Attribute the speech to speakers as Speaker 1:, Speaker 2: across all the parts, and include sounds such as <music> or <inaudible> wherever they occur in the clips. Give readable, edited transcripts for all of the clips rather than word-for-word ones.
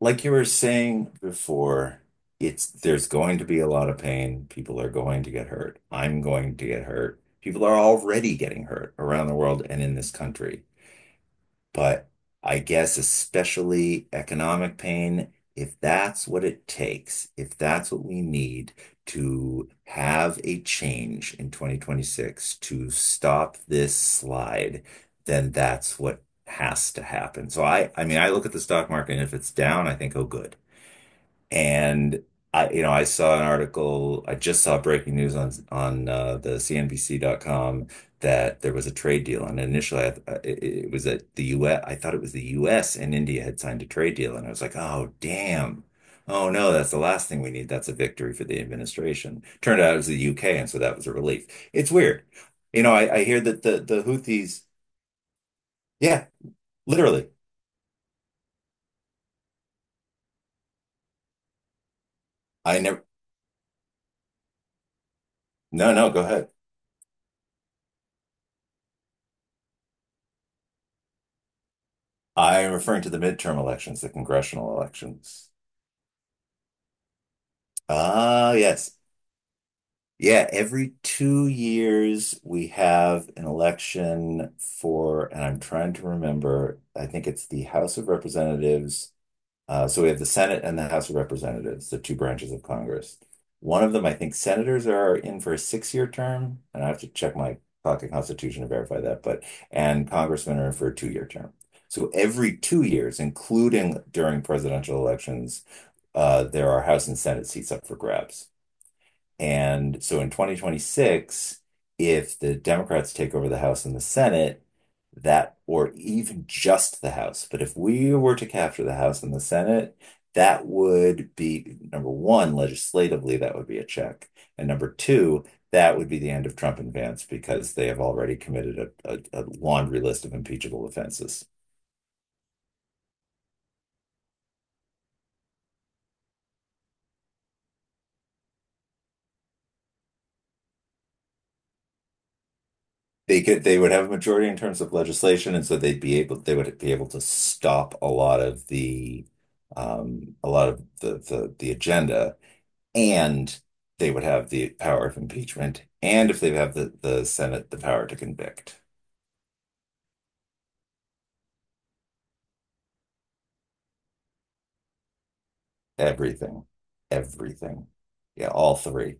Speaker 1: Like you were saying before, it's there's going to be a lot of pain. People are going to get hurt. I'm going to get hurt. People are already getting hurt around the world and in this country. But I guess especially economic pain, if that's what it takes, if that's what we need to have a change in 2026 to stop this slide, then that's what has to happen. So I mean, I look at the stock market and if it's down, I think, oh, good. And I, you know, I saw an article, I just saw breaking news on on the C N B CNBC.com that there was a trade deal. And initially, it was that the US, thought it was the US and India had signed a trade deal. And I was like, oh, damn. Oh, no, that's the last thing we need. That's a victory for the administration. Turned out it was the UK. And so that was a relief. It's weird. You know, I hear that the Houthis, yeah, literally. I never, no, no, go ahead. I am referring to the midterm elections, the congressional elections. Ah, yes. Yeah, every 2 years we have an election for, and I'm trying to remember, I think it's the House of Representatives. So we have the Senate and the House of Representatives, the two branches of Congress. One of them, I think senators are in for a 6-year term, and I have to check my pocket constitution to verify that, but, and congressmen are in for a 2-year term. So every 2 years, including during presidential elections, there are House and Senate seats up for grabs. And so in 2026, if the Democrats take over the House and the Senate, that, or even just the House, but if we were to capture the House and the Senate, that would be number one, legislatively, that would be a check. And number two, that would be the end of Trump and Vance because they have already committed a laundry list of impeachable offenses. They could they would have a majority in terms of legislation, and so they'd be able they would be able to stop a lot of the a lot of the agenda, and they would have the power of impeachment, and if they have the Senate, the power to convict. Everything. Everything. Yeah, all three.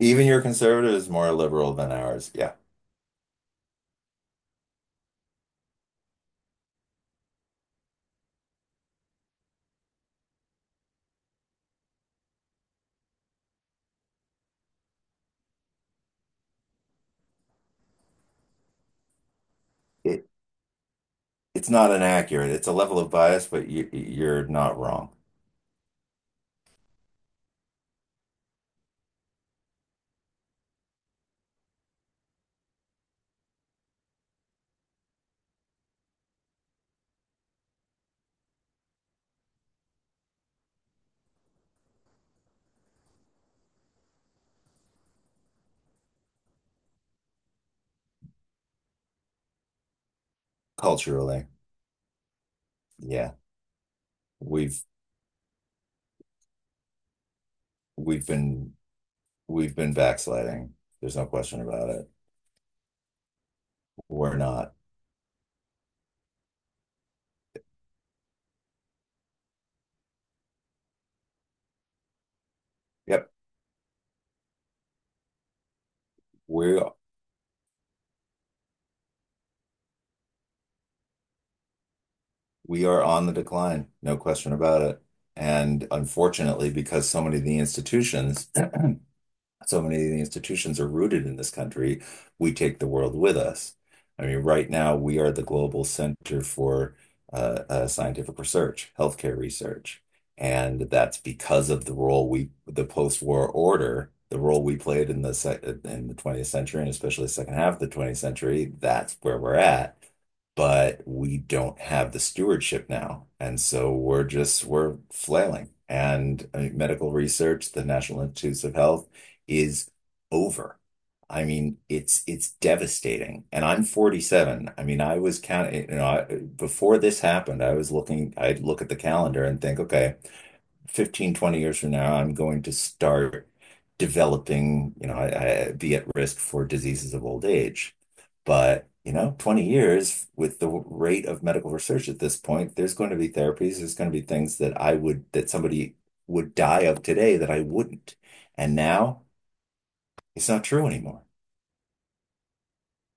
Speaker 1: Even your conservative is more liberal than ours. Yeah. It it's not inaccurate. It's a level of bias, but you're not wrong culturally. Yeah. We've we've been we've been backsliding. There's no question about it. We're not. Yep. we we are on the decline, no question about it. And unfortunately, because so many of the institutions <clears throat> so many of the institutions are rooted in this country, we take the world with us. I mean, right now we are the global center for scientific research, healthcare research, and that's because of the role we, the post-war order, the role we played in the sec in the 20th century and especially the second half of the 20th century. That's where we're at. But we don't have the stewardship now, and so we're just we're flailing. And I mean, medical research, the National Institutes of Health is over. I mean, it's devastating. And I'm 47. I mean, I was counting, you know, I, before this happened, I was looking, I'd look at the calendar and think, okay, 15, 20 years from now, I'm going to start developing, you know, I be at risk for diseases of old age. But, you know, 20 years with the rate of medical research at this point, there's going to be therapies, there's going to be things that I would, that somebody would die of today that I wouldn't. And now, it's not true anymore.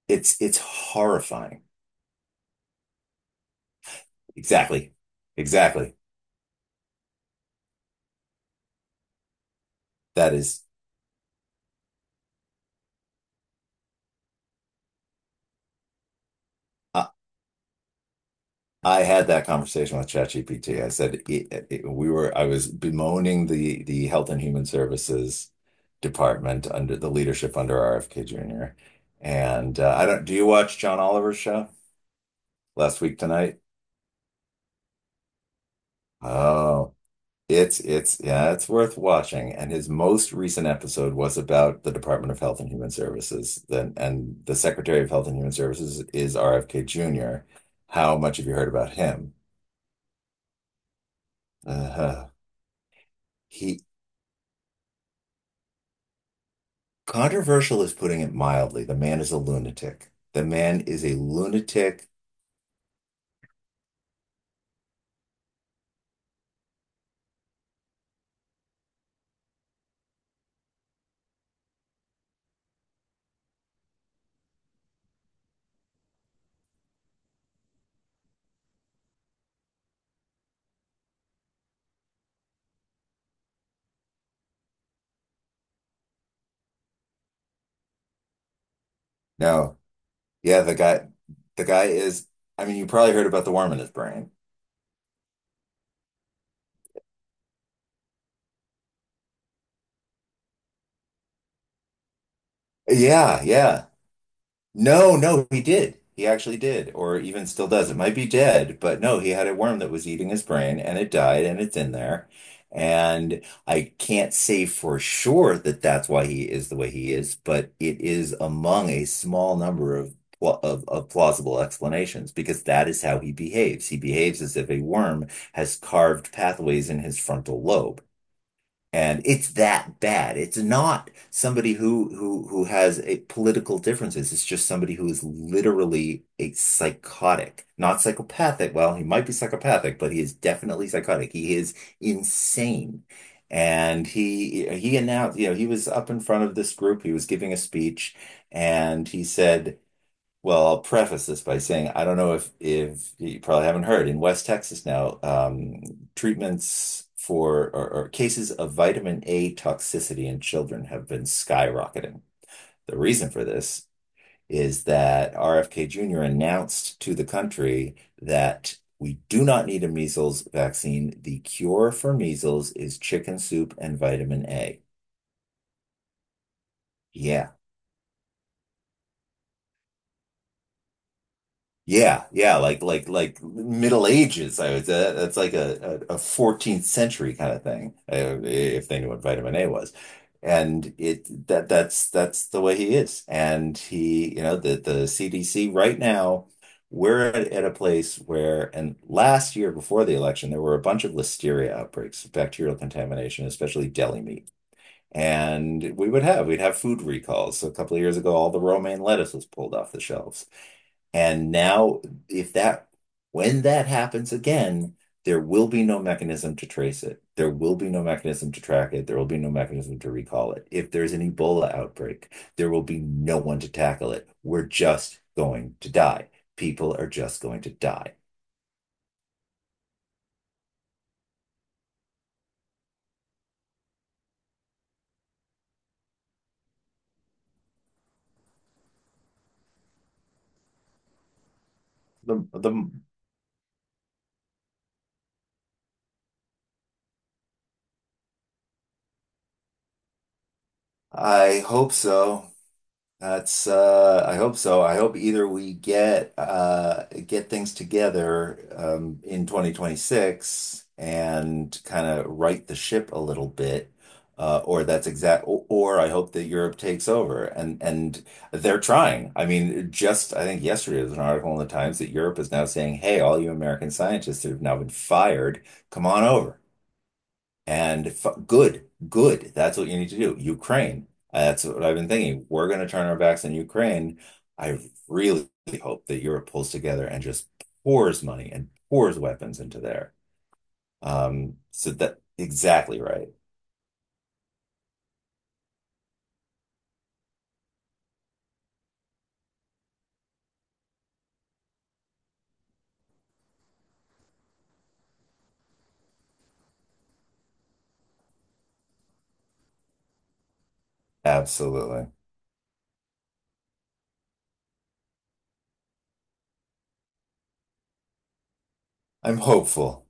Speaker 1: It's horrifying. Exactly. Exactly. That is I, I had that conversation with ChatGPT. I said we were I was bemoaning the Health and Human Services department under the leadership under RFK Jr. And I don't do you watch John Oliver's show? Last week tonight? Oh, it's yeah, it's worth watching. And his most recent episode was about the Department of Health and Human Services. Then and the Secretary of Health and Human Services is RFK Jr. How much have you heard about him? Uh, he controversial is putting it mildly. The man is a lunatic. The man is a lunatic. No, yeah, the guy is I mean, you probably heard about the worm in his brain. Yeah, yeah. No, no, he did. He actually did, or even still does. It might be dead, but no, he had a worm that was eating his brain and it died and it's in there. And I can't say for sure that that's why he is the way he is, but it is among a small number of of plausible explanations because that is how he behaves. He behaves as if a worm has carved pathways in his frontal lobe. And it's that bad. It's not somebody who who has a political differences. It's just somebody who is literally a psychotic, not psychopathic. Well, he might be psychopathic, but he is definitely psychotic. He is insane. And he announced, you know, he was up in front of this group. He was giving a speech, and he said. Well, I'll preface this by saying I don't know if you probably haven't heard in West Texas now, treatments for or cases of vitamin A toxicity in children have been skyrocketing. The reason for this is that RFK Jr. announced to the country that we do not need a measles vaccine. The cure for measles is chicken soup and vitamin A. Yeah. Yeah, yeah, like Middle Ages. I would say that's like a 14th century kind of thing, if they knew what vitamin A was. And it that that's the way he is. And he, you know, the CDC right now, we're at a place where, and last year before the election, there were a bunch of listeria outbreaks, bacterial contamination, especially deli meat. And we'd have food recalls. So a couple of years ago, all the romaine lettuce was pulled off the shelves. And now, if that, when that happens again, there will be no mechanism to trace it. There will be no mechanism to track it. There will be no mechanism to recall it. If there's an Ebola outbreak, there will be no one to tackle it. We're just going to die. People are just going to die. The, the, I hope so. That's I hope so. I hope either we get things together in 2026 and kind of right the ship a little bit or I hope that Europe takes over and they're trying. I mean just I think yesterday there was an article in the Times that Europe is now saying, "Hey, all you American scientists that have now been fired, come on over." And f good, good. That's what you need to do. Ukraine. That's what I've been thinking. We're going to turn our backs on Ukraine. I really hope that Europe pulls together and just pours money and pours weapons into there. So that exactly right. Absolutely. I'm hopeful.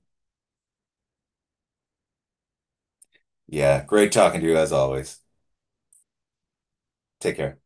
Speaker 1: Yeah. Great talking to you as always. Take care.